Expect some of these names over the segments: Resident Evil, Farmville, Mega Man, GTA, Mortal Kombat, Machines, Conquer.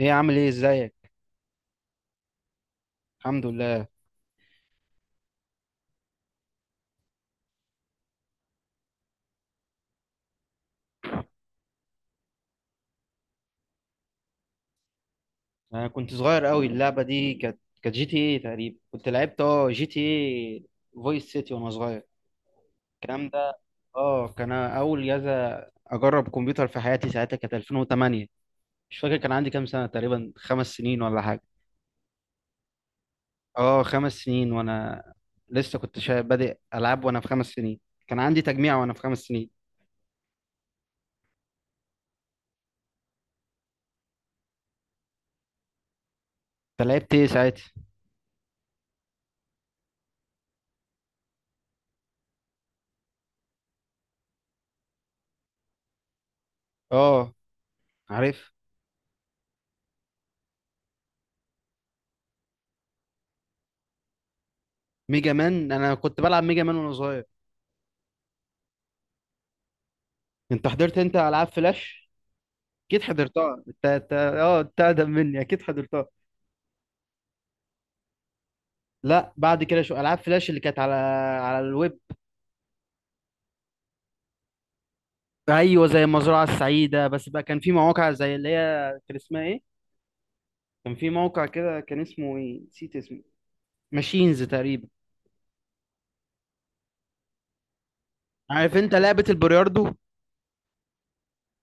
ايه، عامل ايه؟ ازيك؟ الحمد لله. انا كنت صغير قوي، اللعبه دي كانت جي تي ايه تقريبا، كنت لعبت جي تي ايه فويس سيتي وانا صغير. الكلام ده. اه كان اول جهاز اجرب كمبيوتر في حياتي، ساعتها كانت 2008. مش فاكر كان عندي كام سنه، تقريبا خمس سنين ولا حاجه. اه، خمس سنين وانا لسه كنت بادئ العاب وانا في خمس سنين. كان عندي تجميع وانا في خمس سنين. انت لعبت ايه ساعتها؟ اه، عارف. ميجا مان، انا كنت بلعب ميجا مان وانا صغير. انت حضرت، انت العاب فلاش؟ اكيد حضرتها، انت اقدم مني، اكيد حضرتها. لا، بعد كده شو العاب فلاش اللي كانت على الويب. ايوه، زي المزرعه السعيده، بس بقى كان في مواقع زي اللي هي، كان اسمها ايه؟ كان في موقع كده، كان اسمه ايه، نسيت اسمه. ماشينز تقريبا. عارف انت لعبه البلياردو؟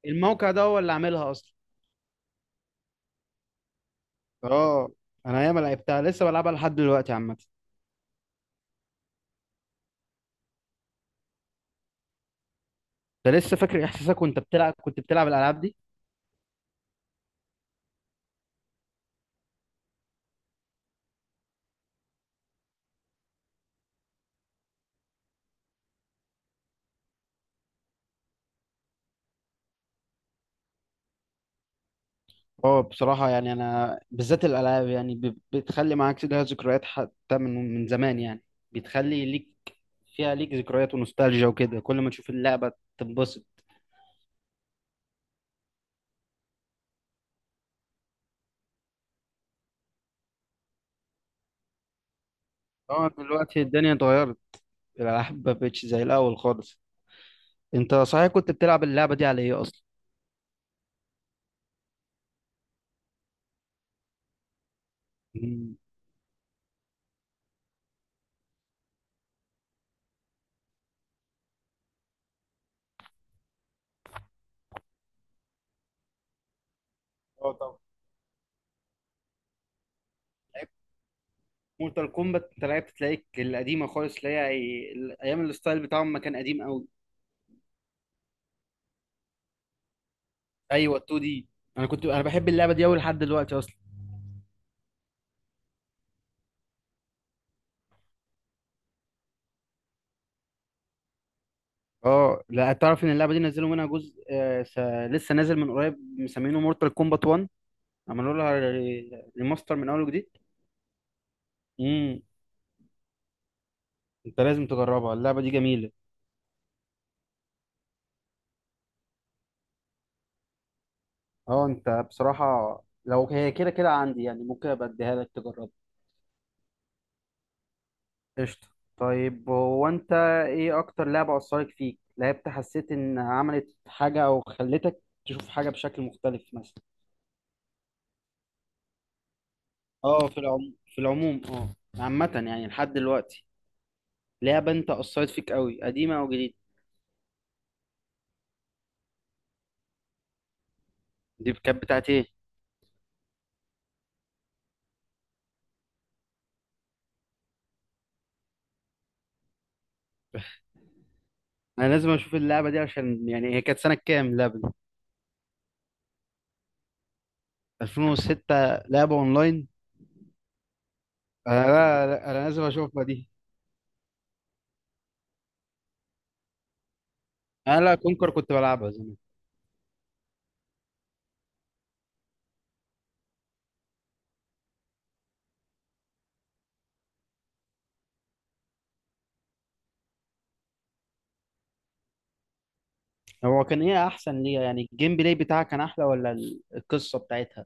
الموقع ده هو اللي عاملها اصلا. اه. انا ياما لعبتها، لسه بلعبها لحد دلوقتي عامه. انت لسه فاكر احساسك وانت بتلعب، كنت بتلعب الالعاب دي؟ اه، بصراحة يعني أنا بالذات الألعاب يعني بتخلي معاك ليها ذكريات حتى من زمان يعني، بتخلي ليك، فيها ليك ذكريات ونوستالجيا وكده، كل ما تشوف اللعبة تنبسط. اه، دلوقتي الدنيا اتغيرت، الألعاب ما بقتش زي الأول خالص. أنت صحيح كنت بتلعب اللعبة دي على إيه أصلا؟ مم. اه طبعا. مورتال كومبات، أنت لعبت تلاقيك القديمة خالص اللي هي أيام الستايل بتاعهم، ما كان قديم أوي. أيوه، 2 دي. أنا بحب اللعبة دي أوي لحد دلوقتي أصلا. اه، لا، تعرف ان اللعبه دي نزلوا منها جزء. لسه نازل من قريب، مسمينه مورتال كومبات 1. عملوا لها ريماستر من اول وجديد. امم. انت لازم تجربها، اللعبه دي جميله. اه، انت بصراحه، لو هي كده كده عندي يعني، ممكن ابقى اديها لك تجربها. قشطه. طيب، هو انت، ايه اكتر لعبه اثرت فيك، لعبت حسيت ان عملت حاجه او خلتك تشوف حاجه بشكل مختلف مثلا؟ اه، في العموم اه، عامه يعني لحد دلوقتي، لعبه انت اثرت فيك قوي قديمه او جديده؟ دي كانت بتاعت ايه؟ انا لازم اشوف اللعبه دي، عشان يعني هي كانت سنه كام اللعبه دي؟ 2006، لعبه اونلاين؟ انا لا لا، انا لازم اشوفها دي. انا لا، كونكر كنت بلعبها زمان. هو كان ايه احسن ليها يعني، الجيم بلاي بتاعها كان احلى ولا القصه بتاعتها؟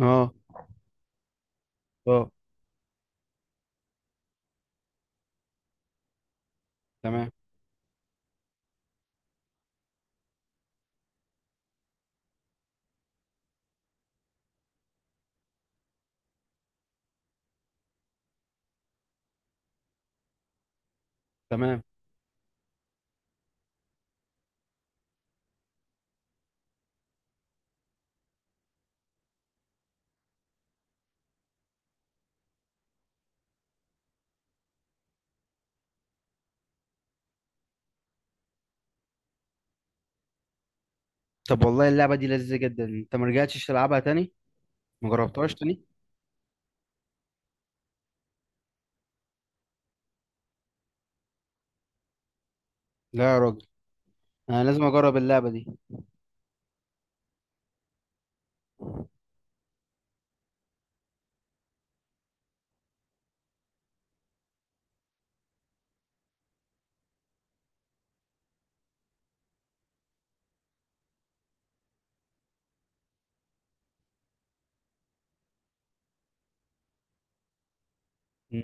اه. اه. تمام. تمام. طب والله اللعبه دي لذيذه جدا، انت ما رجعتش تلعبها تاني؟ ما جربتهاش تاني؟ لا يا راجل، انا لازم اجرب اللعبه دي.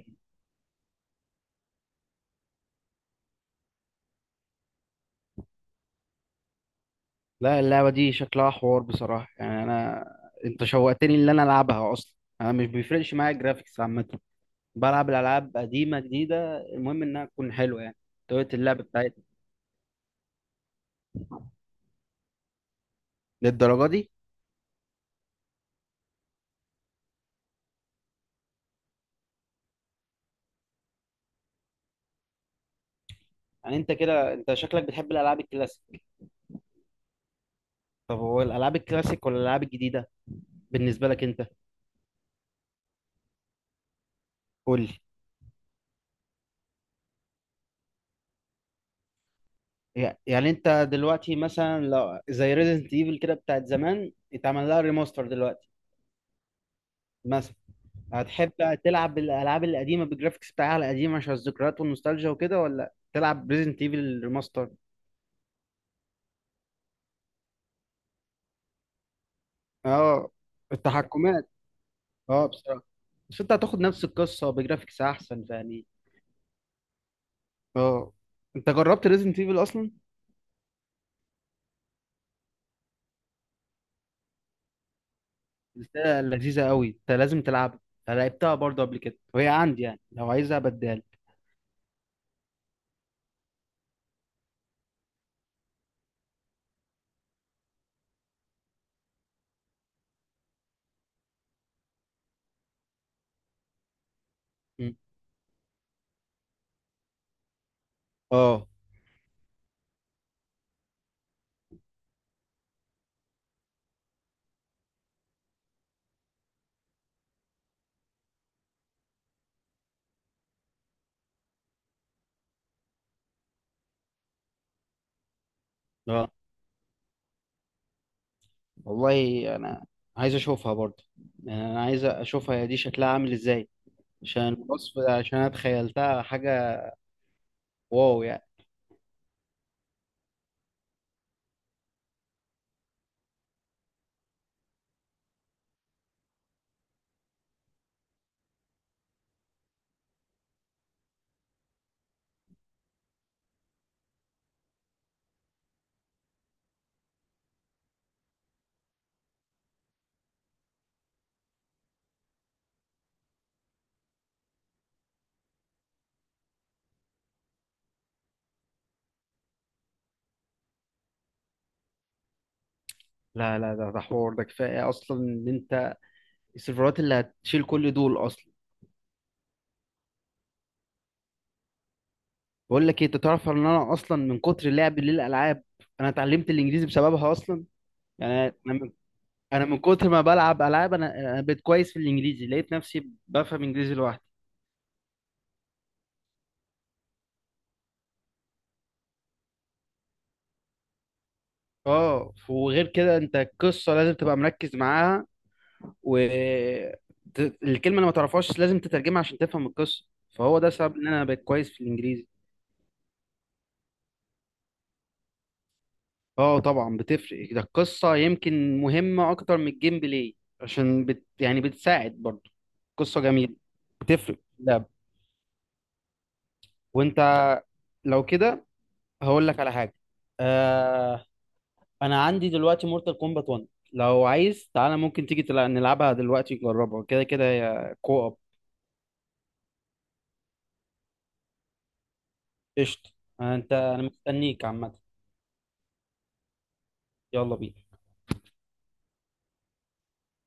لا، اللعبة دي شكلها حوار بصراحة، يعني أنا، أنت شوقتني إن أنا ألعبها أصلا. أنا مش بيفرقش معايا الجرافيكس عامة، بلعب الألعاب قديمة جديدة، المهم إنها تكون حلوة يعني، طريقة اللعب بتاعتها. للدرجة دي؟ يعني أنت كده، أنت شكلك بتحب الألعاب الكلاسيك. طب هو الألعاب الكلاسيك ولا الألعاب الجديدة بالنسبة لك أنت؟ قول لي. يعني أنت دلوقتي مثلا، لو زي ريزنت إيفل كده بتاعت زمان، اتعمل لها ريماستر دلوقتي، مثلا، هتحب تلعب الالعاب القديمه بالجرافيكس بتاعها القديمه عشان الذكريات والنوستالجيا وكده، ولا تلعب ريزنت ايفل ريماستر؟ اه. التحكمات. اه، بصراحه، بس انت هتاخد نفس القصه بجرافيكس احسن يعني. اه. انت جربت ريزنت ايفل اصلا؟ قلتها لذيذه قوي، انت لازم تلعبها. أنا لعبتها برضه قبل كده، وهي عندي يعني لو عايزها بدال. اه. اه. والله انا عايز اشوفها برضه، يعني انا عايز اشوفها، هي دي شكلها عامل ازاي؟ عشان الوصف، عشان انا تخيلتها حاجه، واو يعني. لا لا، ده حوار، ده كفايه اصلا ان انت، السيرفرات اللي هتشيل كل دول اصلا. بقول لك ايه، انت تعرف ان انا اصلا من كتر لعبي للالعاب، انا اتعلمت الانجليزي بسببها اصلا. يعني، انا من انا من كتر ما بلعب العاب، انا بقيت كويس في الانجليزي، لقيت نفسي بفهم انجليزي لوحدي. اه، وغير كده انت القصه لازم تبقى مركز معاها، و الكلمه اللي ما تعرفهاش لازم تترجمها عشان تفهم القصه، فهو ده سبب ان انا بقيت كويس في الانجليزي. اه طبعا بتفرق، ده القصة يمكن مهمة أكتر من الجيم بلاي عشان يعني بتساعد برضه. قصة جميلة، بتفرق في اللعب. وأنت، لو كده، هقول لك على حاجة. آه، أنا عندي دلوقتي مورتال كومبات 1، لو عايز تعالى ممكن تيجي نلعبها دلوقتي نجربها، كده كده يا كو أب. قشطة. أنت أنا مستنيك عامة. يلا بينا.